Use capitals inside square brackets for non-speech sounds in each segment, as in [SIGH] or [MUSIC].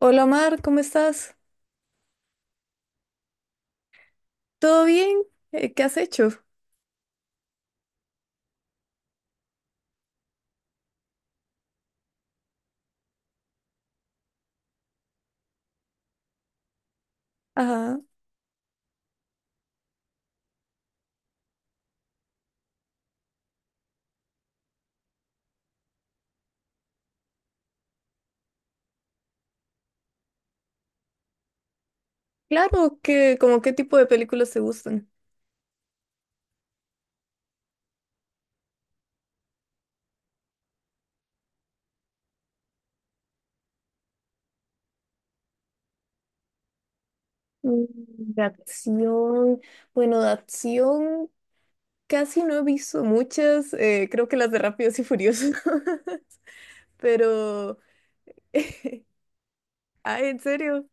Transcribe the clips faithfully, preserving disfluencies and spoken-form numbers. Hola Mar, ¿cómo estás? ¿Todo bien? Eh, ¿Qué has hecho? Ajá. Claro, que, ¿como qué tipo de películas te gustan? Mm. De acción, bueno, de acción casi no he visto muchas, eh, creo que las de Rápidos y Furiosos, [LAUGHS] pero, [LAUGHS] ay, en serio,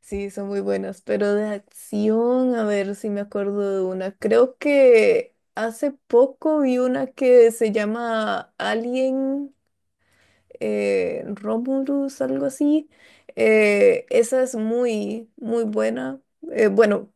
sí, son muy buenas, pero de acción, a ver si me acuerdo de una, creo que hace poco vi una que se llama Alien, eh, Romulus, algo así. Eh, esa es muy, muy buena. Eh, bueno,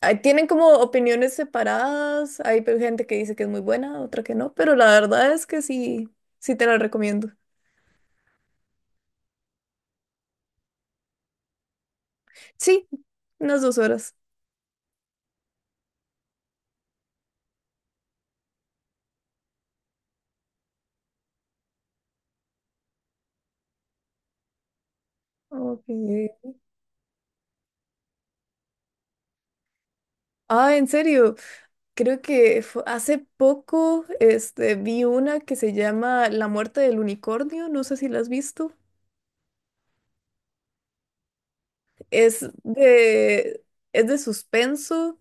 ahí tienen como opiniones separadas. Hay pe- gente que dice que es muy buena, otra que no, pero la verdad es que sí, sí te la recomiendo. Sí, unas dos horas. Ok. Ah, en serio, creo que fu- hace poco este, vi una que se llama La muerte del unicornio, no sé si la has visto. Es de, es de suspenso.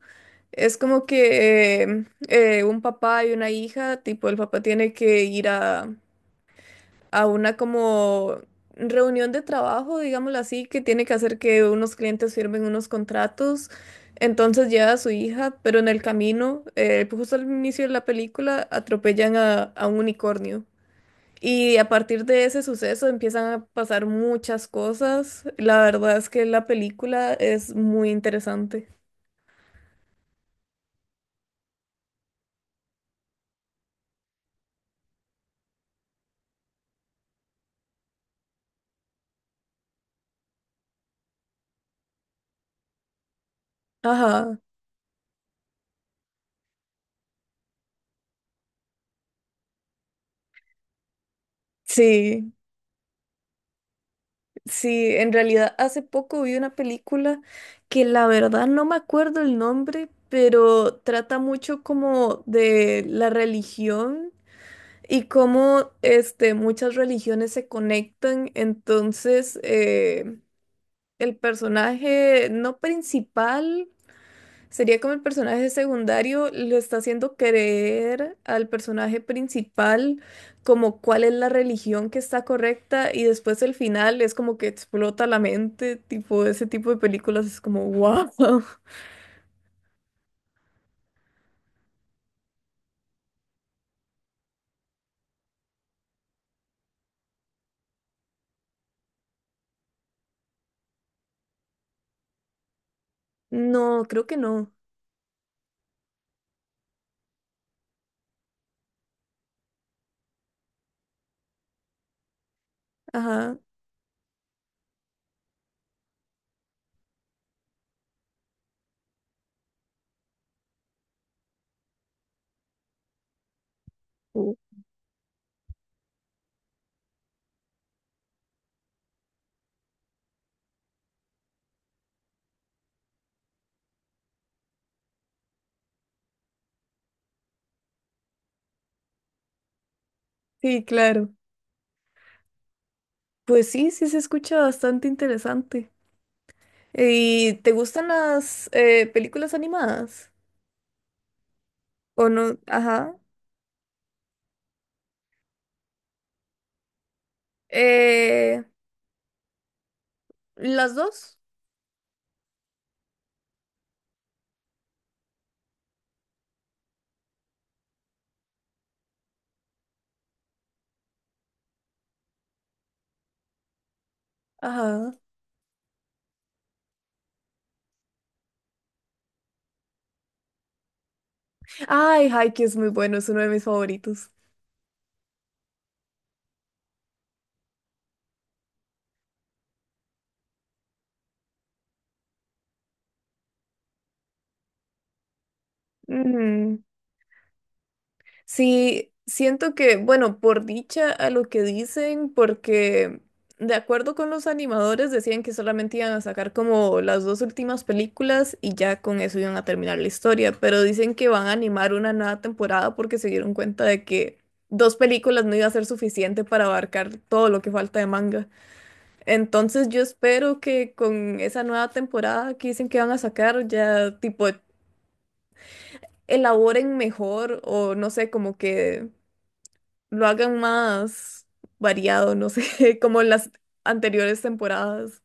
Es como que em, eh, un papá y una hija, tipo el papá tiene que ir a, a una como reunión de trabajo, digámoslo así, que tiene que hacer que unos clientes firmen unos contratos. Entonces lleva a su hija, pero en el camino, eh, pues, justo al inicio de la película, atropellan a, a un unicornio. Y a partir de ese suceso empiezan a pasar muchas cosas. La verdad es que la película es muy interesante. Ajá, sí. Sí, en realidad hace poco vi una película que la verdad no me acuerdo el nombre, pero trata mucho como de la religión y cómo este, muchas religiones se conectan. Entonces, eh, el personaje no principal, sería como el personaje secundario, le está haciendo creer al personaje principal como cuál es la religión que está correcta, y después el final es como que explota la mente, tipo ese tipo de películas es como wow. [LAUGHS] No, creo que no. Ajá. Mm. Sí, claro. Pues sí, sí se escucha bastante interesante. ¿Y te gustan las eh, películas animadas? ¿O no? Ajá. Eh, ¿las dos? Ajá. Ay, Haikyuu es muy bueno, es uno de mis favoritos. Ujú. Sí, siento que, bueno, por dicha a lo que dicen, porque de acuerdo con los animadores decían que solamente iban a sacar como las dos últimas películas y ya con eso iban a terminar la historia, pero dicen que van a animar una nueva temporada porque se dieron cuenta de que dos películas no iba a ser suficiente para abarcar todo lo que falta de manga. Entonces yo espero que con esa nueva temporada que dicen que van a sacar, ya tipo elaboren mejor o no sé, como que lo hagan más variado, no sé, [LAUGHS] como en las anteriores temporadas.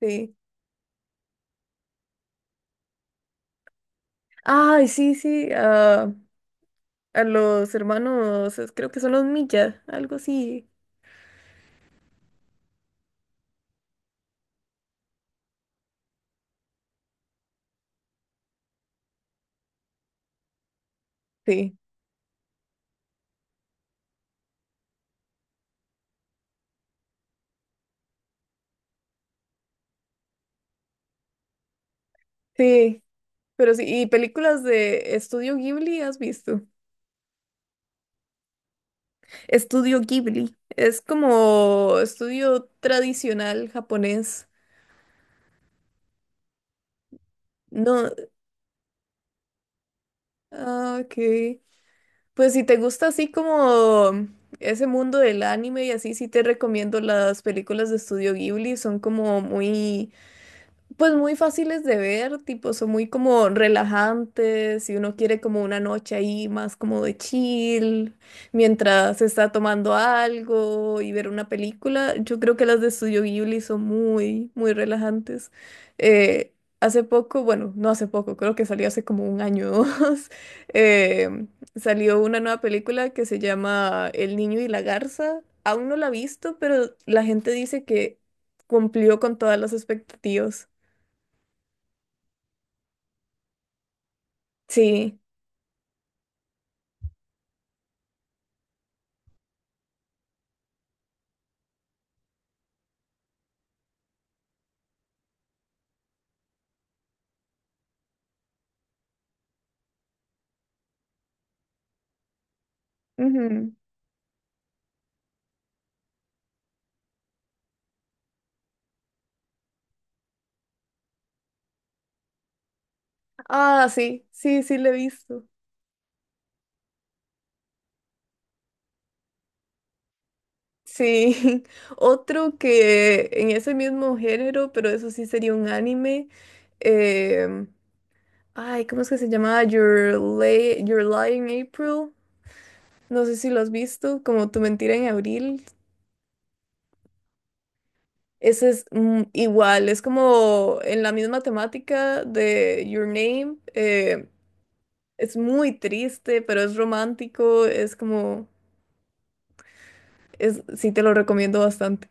Sí. Ay, sí, sí, a, a los hermanos, es- creo que son los Milla, algo así. Sí, sí, pero sí, ¿y películas de Estudio Ghibli, has visto? Estudio Ghibli, es como estudio tradicional japonés. No, ah, ok. Pues si te gusta así como ese mundo del anime y así, sí te recomiendo las películas de Estudio Ghibli, son como muy... Pues muy fáciles de ver, tipo, son muy como relajantes, si uno quiere como una noche ahí más como de chill, mientras está tomando algo y ver una película, yo creo que las de Studio Ghibli son muy, muy relajantes. Eh, hace poco, bueno, no hace poco, creo que salió hace como un año o dos, [LAUGHS] eh, salió una nueva película que se llama El niño y la garza. Aún no la he visto, pero la gente dice que cumplió con todas las expectativas. Sí. Ujú. Ah, sí, sí, sí, lo he visto. Sí, [LAUGHS] otro que en ese mismo género, pero eso sí sería un anime. Em, ay, ¿cómo es que se llamaba? Your, Lie- Your Lie in April. No sé si lo has visto, como Tu Mentira en Abril. Ese es mm, igual, es como en la misma temática de Your Name. Eh, es muy triste, pero es romántico, es como, es, sí te lo recomiendo bastante.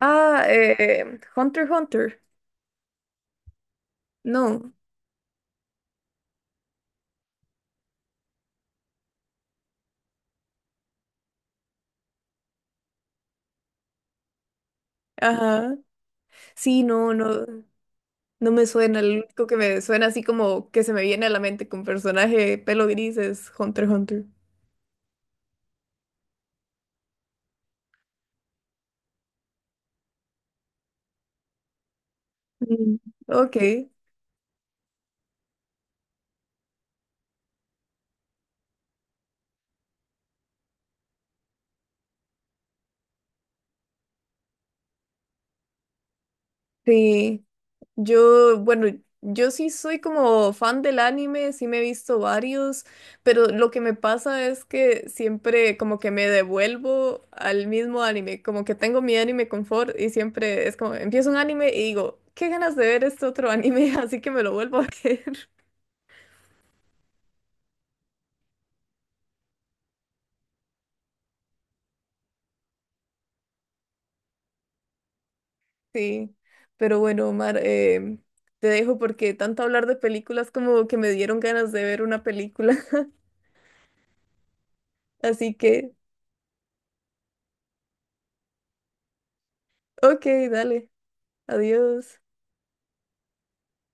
Ah, eh, Hunter x Hunter. No. Ajá. Sí, no, no. No me suena. Lo único que me suena así como que se me viene a la mente con personaje pelo gris es Hunter x Hunter. Mm. Ok. Sí. Yo, bueno, yo sí soy como fan del anime, sí me he visto varios, pero lo que me pasa es que siempre como que me devuelvo al mismo anime, como que tengo mi anime confort y siempre es como, empiezo un anime y digo, qué ganas de ver este otro anime, [LAUGHS] así que me lo vuelvo a ver. [LAUGHS] Sí, pero bueno, Omar, eh, te dejo porque tanto hablar de películas como que me dieron ganas de ver una película, [LAUGHS] así que, ok, dale, adiós.